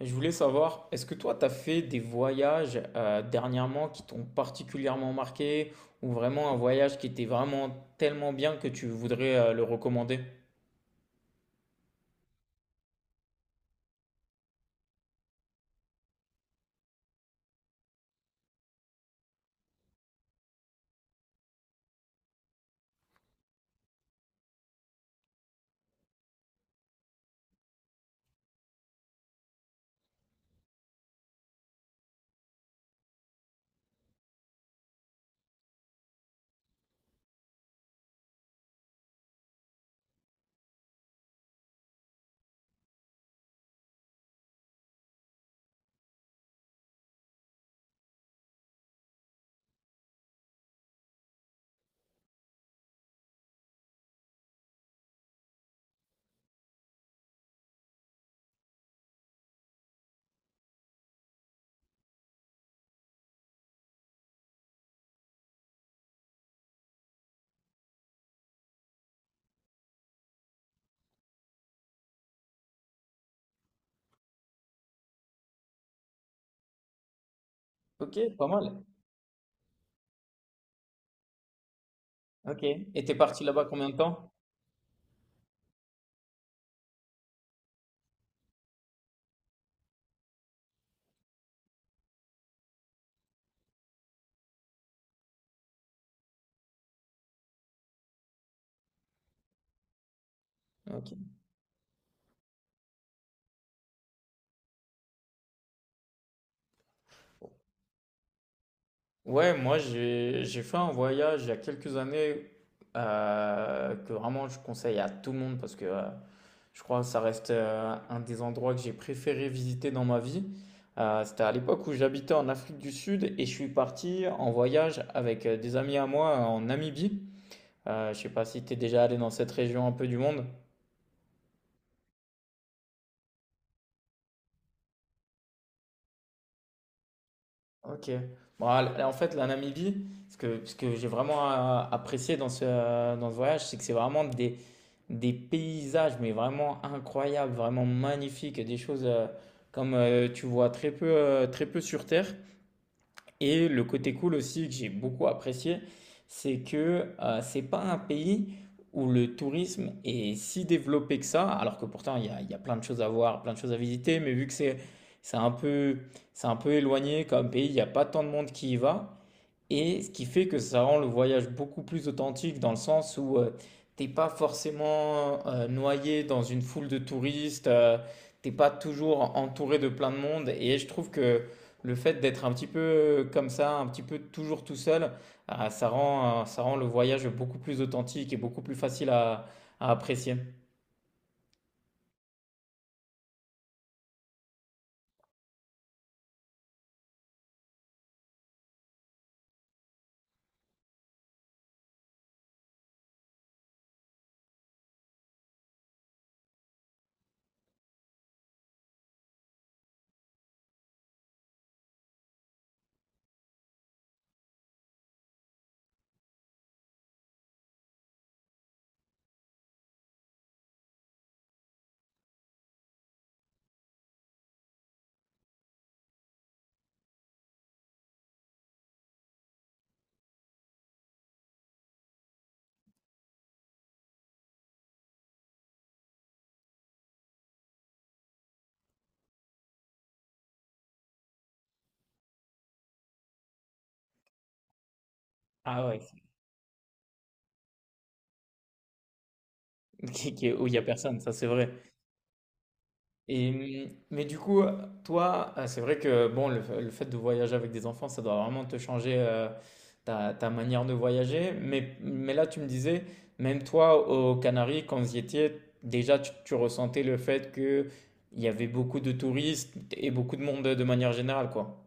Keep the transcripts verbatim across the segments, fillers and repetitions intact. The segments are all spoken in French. Je voulais savoir, est-ce que toi, tu as fait des voyages euh, dernièrement qui t'ont particulièrement marqué ou vraiment un voyage qui était vraiment tellement bien que tu voudrais euh, le recommander? Ok, pas mal. Ok. Et t'es parti là-bas combien de temps? Ok. Ouais, moi j'ai j'ai fait un voyage il y a quelques années euh, que vraiment je conseille à tout le monde parce que euh, je crois que ça reste euh, un des endroits que j'ai préféré visiter dans ma vie. Euh, c'était à l'époque où j'habitais en Afrique du Sud et je suis parti en voyage avec euh, des amis à moi euh, en Namibie. Euh, je sais pas si tu es déjà allé dans cette région un peu du monde. Ok. Bon, al- en fait, la Namibie, ce que, ce que j'ai vraiment euh, apprécié dans ce, euh, dans ce voyage, c'est que c'est vraiment des, des paysages, mais vraiment incroyables, vraiment magnifiques, des choses euh, comme euh, tu vois très peu, euh, très peu sur Terre. Et le côté cool aussi que j'ai beaucoup apprécié, c'est que euh, c'est pas un pays où le tourisme est si développé que ça, alors que pourtant il y a, il y a plein de choses à voir, plein de choses à visiter, mais vu que c'est c'est un peu, c'est un peu éloigné comme pays, il n'y a pas tant de monde qui y va. Et ce qui fait que ça rend le voyage beaucoup plus authentique dans le sens où euh, t'es pas forcément euh, noyé dans une foule de touristes, euh, t'es pas toujours entouré de plein de monde. Et je trouve que le fait d'être un petit peu comme ça, un petit peu toujours tout seul, ah, ça rend, euh, ça rend le voyage beaucoup plus authentique et beaucoup plus facile à, à apprécier. Ah ouais, qui- qui- où il y a personne, ça c'est vrai. Et, mais du coup, toi, euh, c'est vrai que bon, le, le fait de voyager avec des enfants, ça doit vraiment te changer euh, ta, ta manière de voyager. Mais, mais là, tu me disais, même toi, aux Canaries, quand vous y étiez, déjà, tu, tu ressentais le fait qu'il y avait beaucoup de touristes et beaucoup de monde de manière générale, quoi.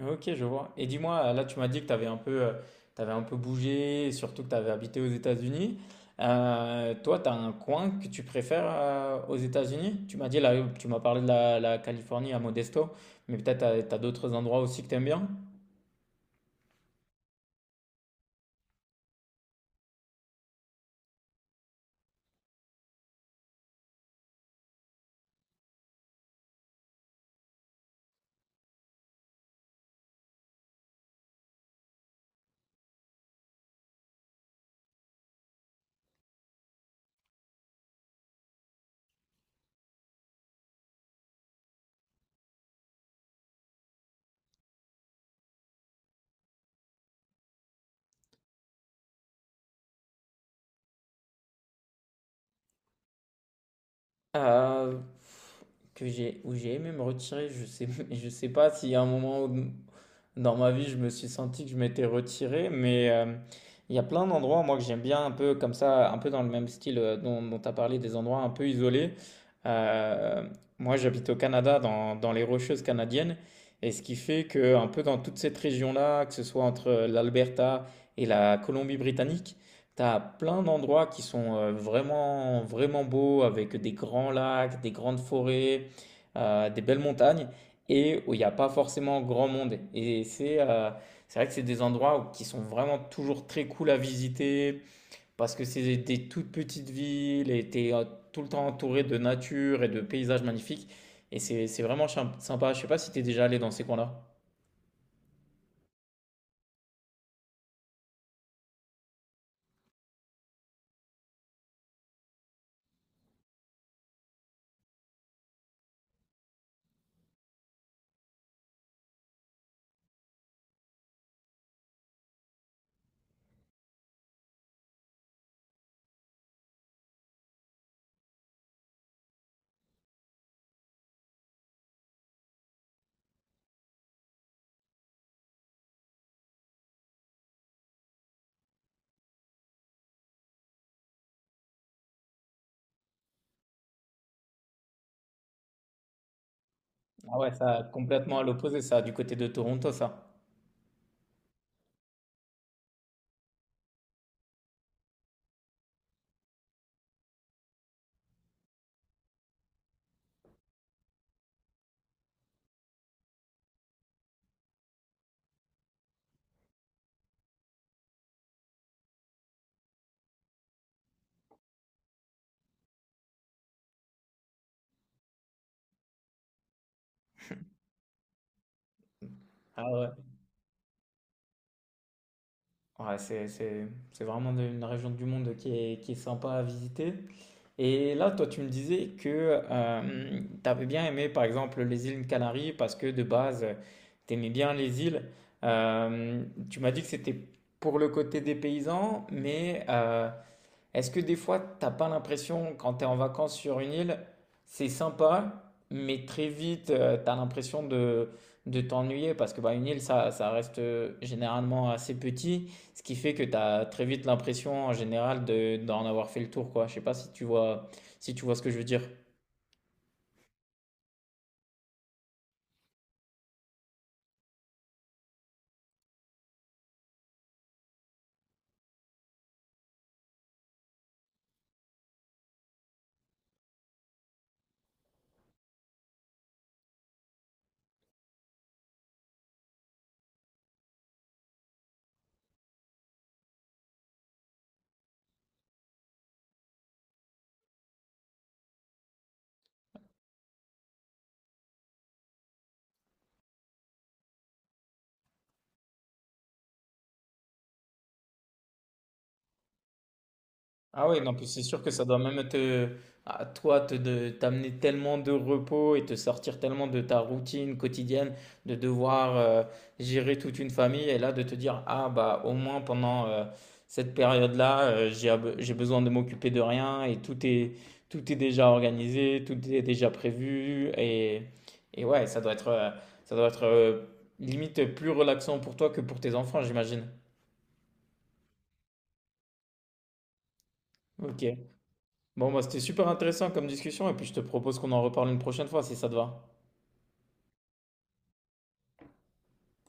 Ok, je vois. Et dis-moi, là, tu m'as dit que tu avais un peu, tu un peu bougé, et surtout que tu avais habité aux États-Unis. Euh, toi, tu as un coin que tu préfères euh, aux États-Unis? Tu m'as dit, là, tu m'as parlé de la, la Californie à Modesto, mais peut-être tu as d'autres endroits aussi que tu aimes bien? Euh, que j'ai, où j'ai aimé me retirer, je sais, je sais pas s'il y a un moment où, dans ma vie, je me suis senti que je m'étais retiré, mais euh, il y a plein d'endroits, moi, que j'aime bien, un peu comme ça, un peu dans le même style euh, dont tu as parlé, des endroits un peu isolés. Euh, Moi, j'habite au Canada, dans, dans les Rocheuses canadiennes, et ce qui fait que, un peu dans toute cette région-là, que ce soit entre euh, l'Alberta et la Colombie-Britannique, tu as plein d'endroits qui sont euh, vraiment, vraiment beaux, avec des grands lacs, des grandes forêts, euh, des belles montagnes et où il n'y a pas forcément grand monde. Et c'est euh, c'est vrai que c'est des endroits où- qui sont vraiment toujours très cool à visiter parce que c'est des, toutes petites villes et tu es tout le temps entouré de nature et de paysages magnifiques. Et c'est c'est vraiment chim- sympa. Je sais pas si tu es déjà allé dans ces coins-là. Ah ouais, ça complètement à l'opposé, ça, du côté de Toronto, ça. Ah ouais. Ouais, c'est, c'est, c'est vraiment de- une région du monde qui est, qui est sympa à visiter. Et là, toi, tu me disais que tu avais bien aimé, par exemple, les îles Canaries parce que de base, tu aimais bien les îles. Euh, Tu m'as dit que c'était pour le côté des paysans, mais euh, est-ce que des fois, t'as pas l'impression, quand tu es en vacances sur une île, c'est sympa, mais très vite, euh, t'as l'impression de, de t'ennuyer parce que bah, une île, ça, ça reste euh, généralement assez petit, ce qui fait que t'as très vite l'impression en général de, d'en avoir fait le tour, quoi. Je sais pas si tu vois, si tu vois ce que je veux dire. Ah oui, non, puis c'est sûr que ça doit même te, à toi, te, de- t'amener tellement de repos et te sortir tellement de ta routine quotidienne, de devoir euh, gérer toute une famille et là de te dire, ah bah au moins pendant euh, cette période-là, euh, j'ai, ab- j'ai besoin de m'occuper de rien et tout est, tout est déjà organisé, tout est déjà prévu et, et ouais, ça doit être, euh, ça doit être euh, limite plus relaxant pour toi que pour tes enfants, j'imagine. Ok. Bon, bah, c'était super intéressant comme discussion et puis je te propose qu'on en reparle une prochaine fois si ça te va.